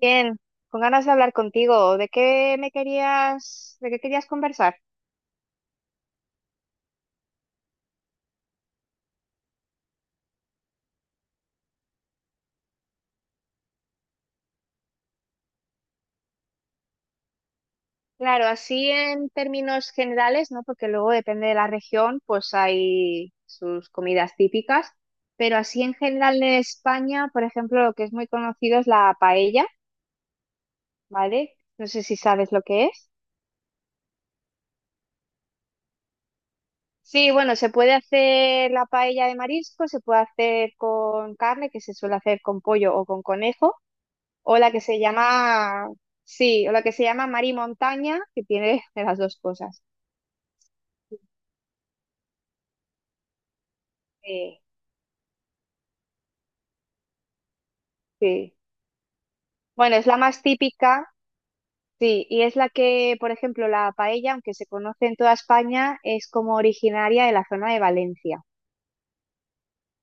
Bien, con ganas de hablar contigo. ¿De qué me querías, de qué querías conversar? Claro, así en términos generales, ¿no? Porque luego depende de la región, pues hay sus comidas típicas, pero así en general en España, por ejemplo, lo que es muy conocido es la paella, ¿vale? No sé si sabes lo que es. Sí, bueno, se puede hacer la paella de marisco, se puede hacer con carne, que se suele hacer con pollo o con conejo. O la que se llama, Sí, o la que se llama Mar y Montaña, que tiene de las dos cosas. Sí, sí. Bueno, es la más típica, sí, y es la que, por ejemplo, la paella, aunque se conoce en toda España, es como originaria de la zona de Valencia.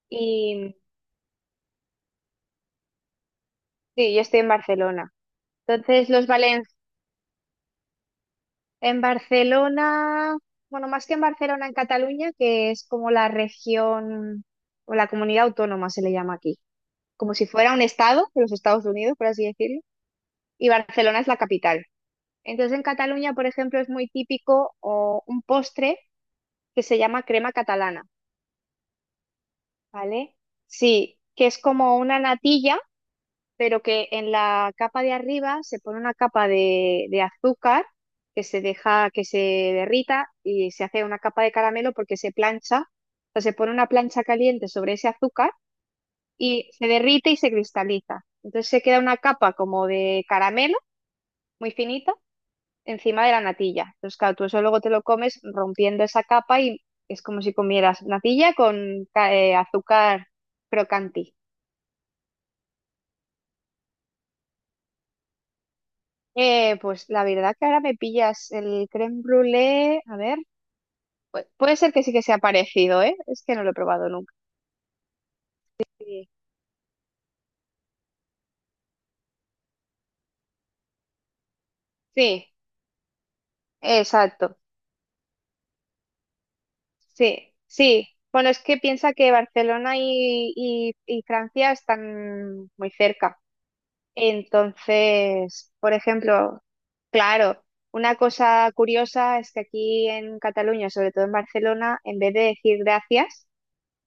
Y sí, yo estoy en Barcelona. Entonces, los valen En Barcelona, bueno, más que en Barcelona, en Cataluña, que es como la región o la comunidad autónoma se le llama aquí, como si fuera un estado de los Estados Unidos, por así decirlo. Y Barcelona es la capital. Entonces en Cataluña, por ejemplo, es muy típico un postre que se llama crema catalana, ¿vale? Sí, que es como una natilla, pero que en la capa de arriba se pone una capa de azúcar que se deja que se derrita y se hace una capa de caramelo porque se plancha, o sea, se pone una plancha caliente sobre ese azúcar y se derrite y se cristaliza. Entonces se queda una capa como de caramelo muy finita encima de la natilla. Entonces, claro, tú eso luego te lo comes rompiendo esa capa y es como si comieras natilla con azúcar crocanti. Pues la verdad que ahora me pillas el crème brûlée, a ver, puede ser que sí que sea parecido, ¿eh? Es que no lo he probado nunca. Sí, sí, exacto. Sí, sí. Bueno, es que piensa que Barcelona y Francia están muy cerca. Entonces, por ejemplo, claro, una cosa curiosa es que aquí en Cataluña, sobre todo en Barcelona, en vez de decir gracias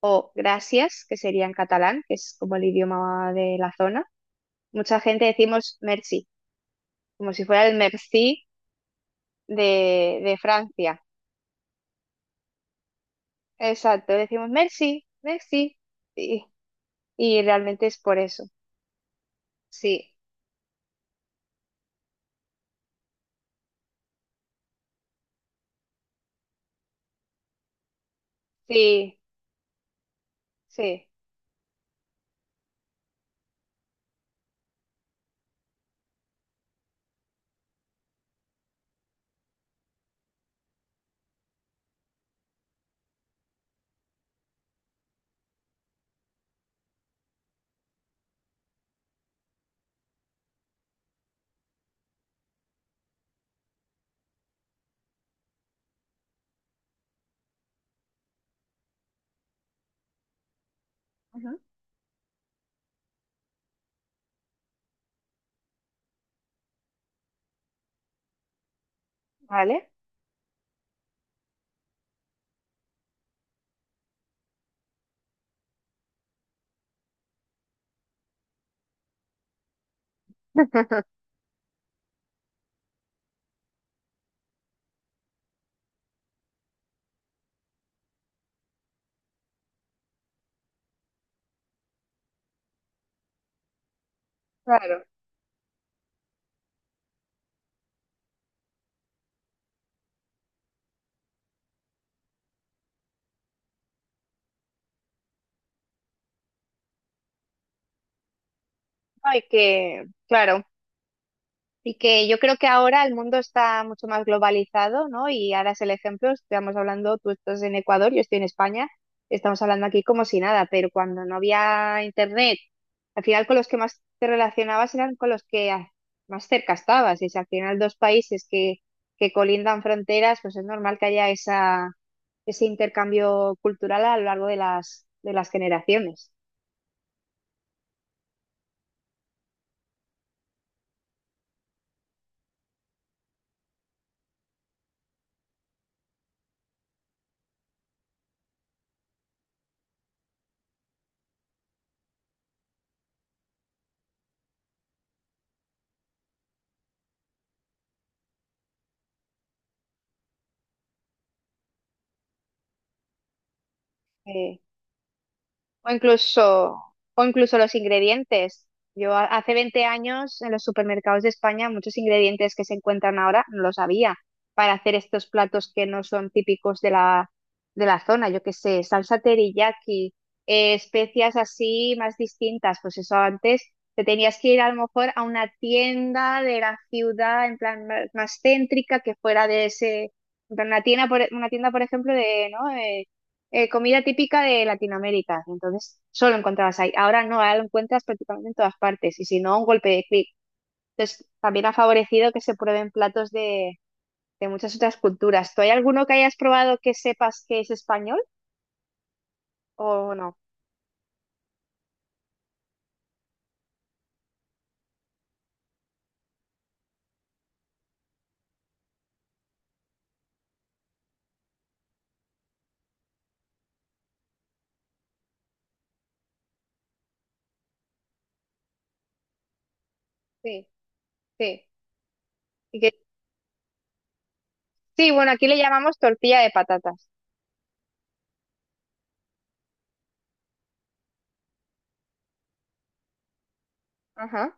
o gracias, que sería en catalán, que es como el idioma de la zona, mucha gente decimos merci, como si fuera el merci de Francia. Exacto, decimos merci, merci, y, y realmente es por eso. Sí, sí, sí. Ujú. ¿Vale? Claro. Hay que, claro. Y que yo creo que ahora el mundo está mucho más globalizado, ¿no? Y ahora es el ejemplo, estamos hablando, tú estás en Ecuador, yo estoy en España, estamos hablando aquí como si nada, pero cuando no había internet, al final con los que más te relacionabas eran con los que más cerca estabas. Y si al final dos países que colindan fronteras, pues es normal que haya esa, ese intercambio cultural a lo largo de de las generaciones. Eh, O incluso, o incluso los ingredientes. Hace 20 años en los supermercados de España muchos ingredientes que se encuentran ahora no los había para hacer estos platos que no son típicos de de la zona. Yo qué sé, salsa teriyaki, especias así más distintas. Pues eso antes te tenías que ir a lo mejor a una tienda de la ciudad en plan más céntrica que fuera de ese, en plan, una tienda, por, una tienda, por ejemplo, de, ¿no? Comida típica de Latinoamérica, entonces solo encontrabas ahí. Ahora no, ahora lo encuentras prácticamente en todas partes y si no, un golpe de clic. Entonces también ha favorecido que se prueben platos de muchas otras culturas. ¿Tú hay alguno que hayas probado que sepas que es español o no? Sí, sí. Y que, sí, bueno, aquí le llamamos tortilla de patatas. Ajá.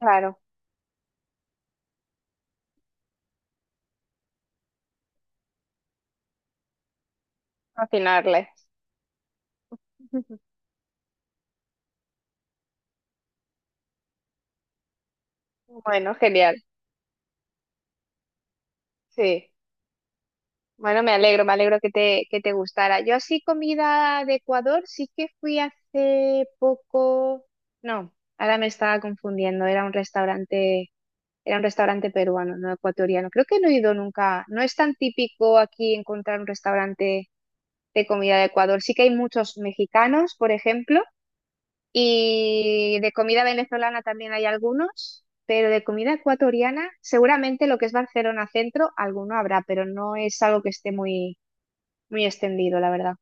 Claro, cocinarle. Bueno, genial, sí. Bueno, me alegro que te gustara. Yo así comida de Ecuador sí que fui hace poco. No, ahora me estaba confundiendo. Era un restaurante peruano, no ecuatoriano. Creo que no he ido nunca. No es tan típico aquí encontrar un restaurante de comida de Ecuador. Sí que hay muchos mexicanos, por ejemplo, y de comida venezolana también hay algunos. Pero de comida ecuatoriana, seguramente lo que es Barcelona Centro, alguno habrá, pero no es algo que esté muy, muy extendido, la verdad.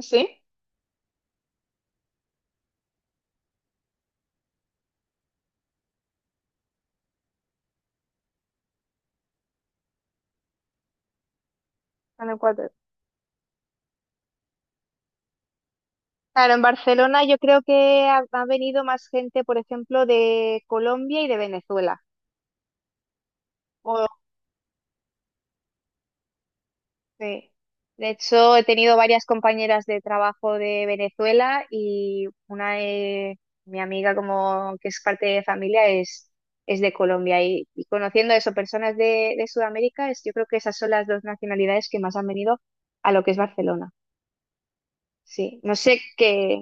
¿Sí? En el cuatro. Claro, en Barcelona yo creo que ha, ha venido más gente, por ejemplo, de Colombia y de Venezuela. Oh, sí. De hecho, he tenido varias compañeras de trabajo de Venezuela y una de mi amiga como que es parte de familia es de Colombia y conociendo eso, personas de Sudamérica, es, yo creo que esas son las dos nacionalidades que más han venido a lo que es Barcelona. Sí, no sé qué,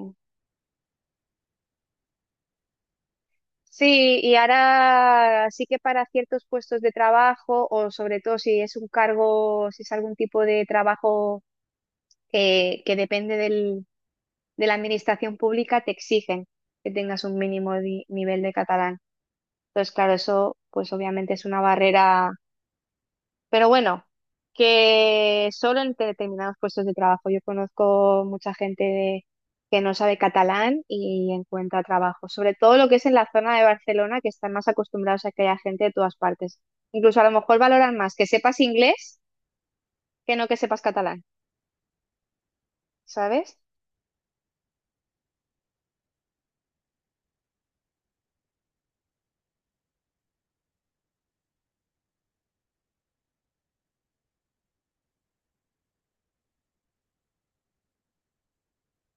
sí, y ahora sí que para ciertos puestos de trabajo, o sobre todo si es un cargo, si es algún tipo de trabajo que depende de la administración pública, te exigen que tengas un mínimo nivel de catalán. Entonces, claro, eso pues obviamente es una barrera, pero bueno, que solo en determinados puestos de trabajo. Yo conozco mucha gente que no sabe catalán y encuentra trabajo. Sobre todo lo que es en la zona de Barcelona, que están más acostumbrados a que haya gente de todas partes. Incluso a lo mejor valoran más que sepas inglés que no que sepas catalán, ¿sabes?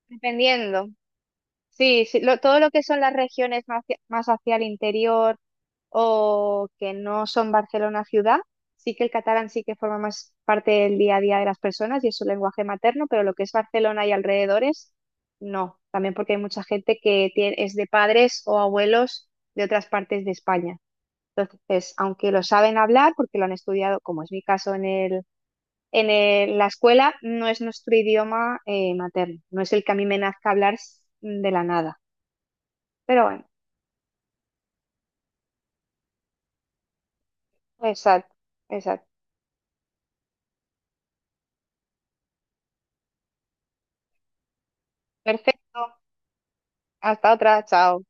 Dependiendo. Sí, sí, todo lo que son las regiones más hacia el interior o que no son Barcelona ciudad, sí que el catalán sí que forma más parte del día a día de las personas y es su lenguaje materno, pero lo que es Barcelona y alrededores, no. También porque hay mucha gente que es de padres o abuelos de otras partes de España. Entonces, aunque lo saben hablar, porque lo han estudiado, como es mi caso en la escuela, no es nuestro idioma materno, no es el que a mí me nazca hablar de la nada. Pero bueno, exacto, exacto. Perfecto. Hasta otra, chao.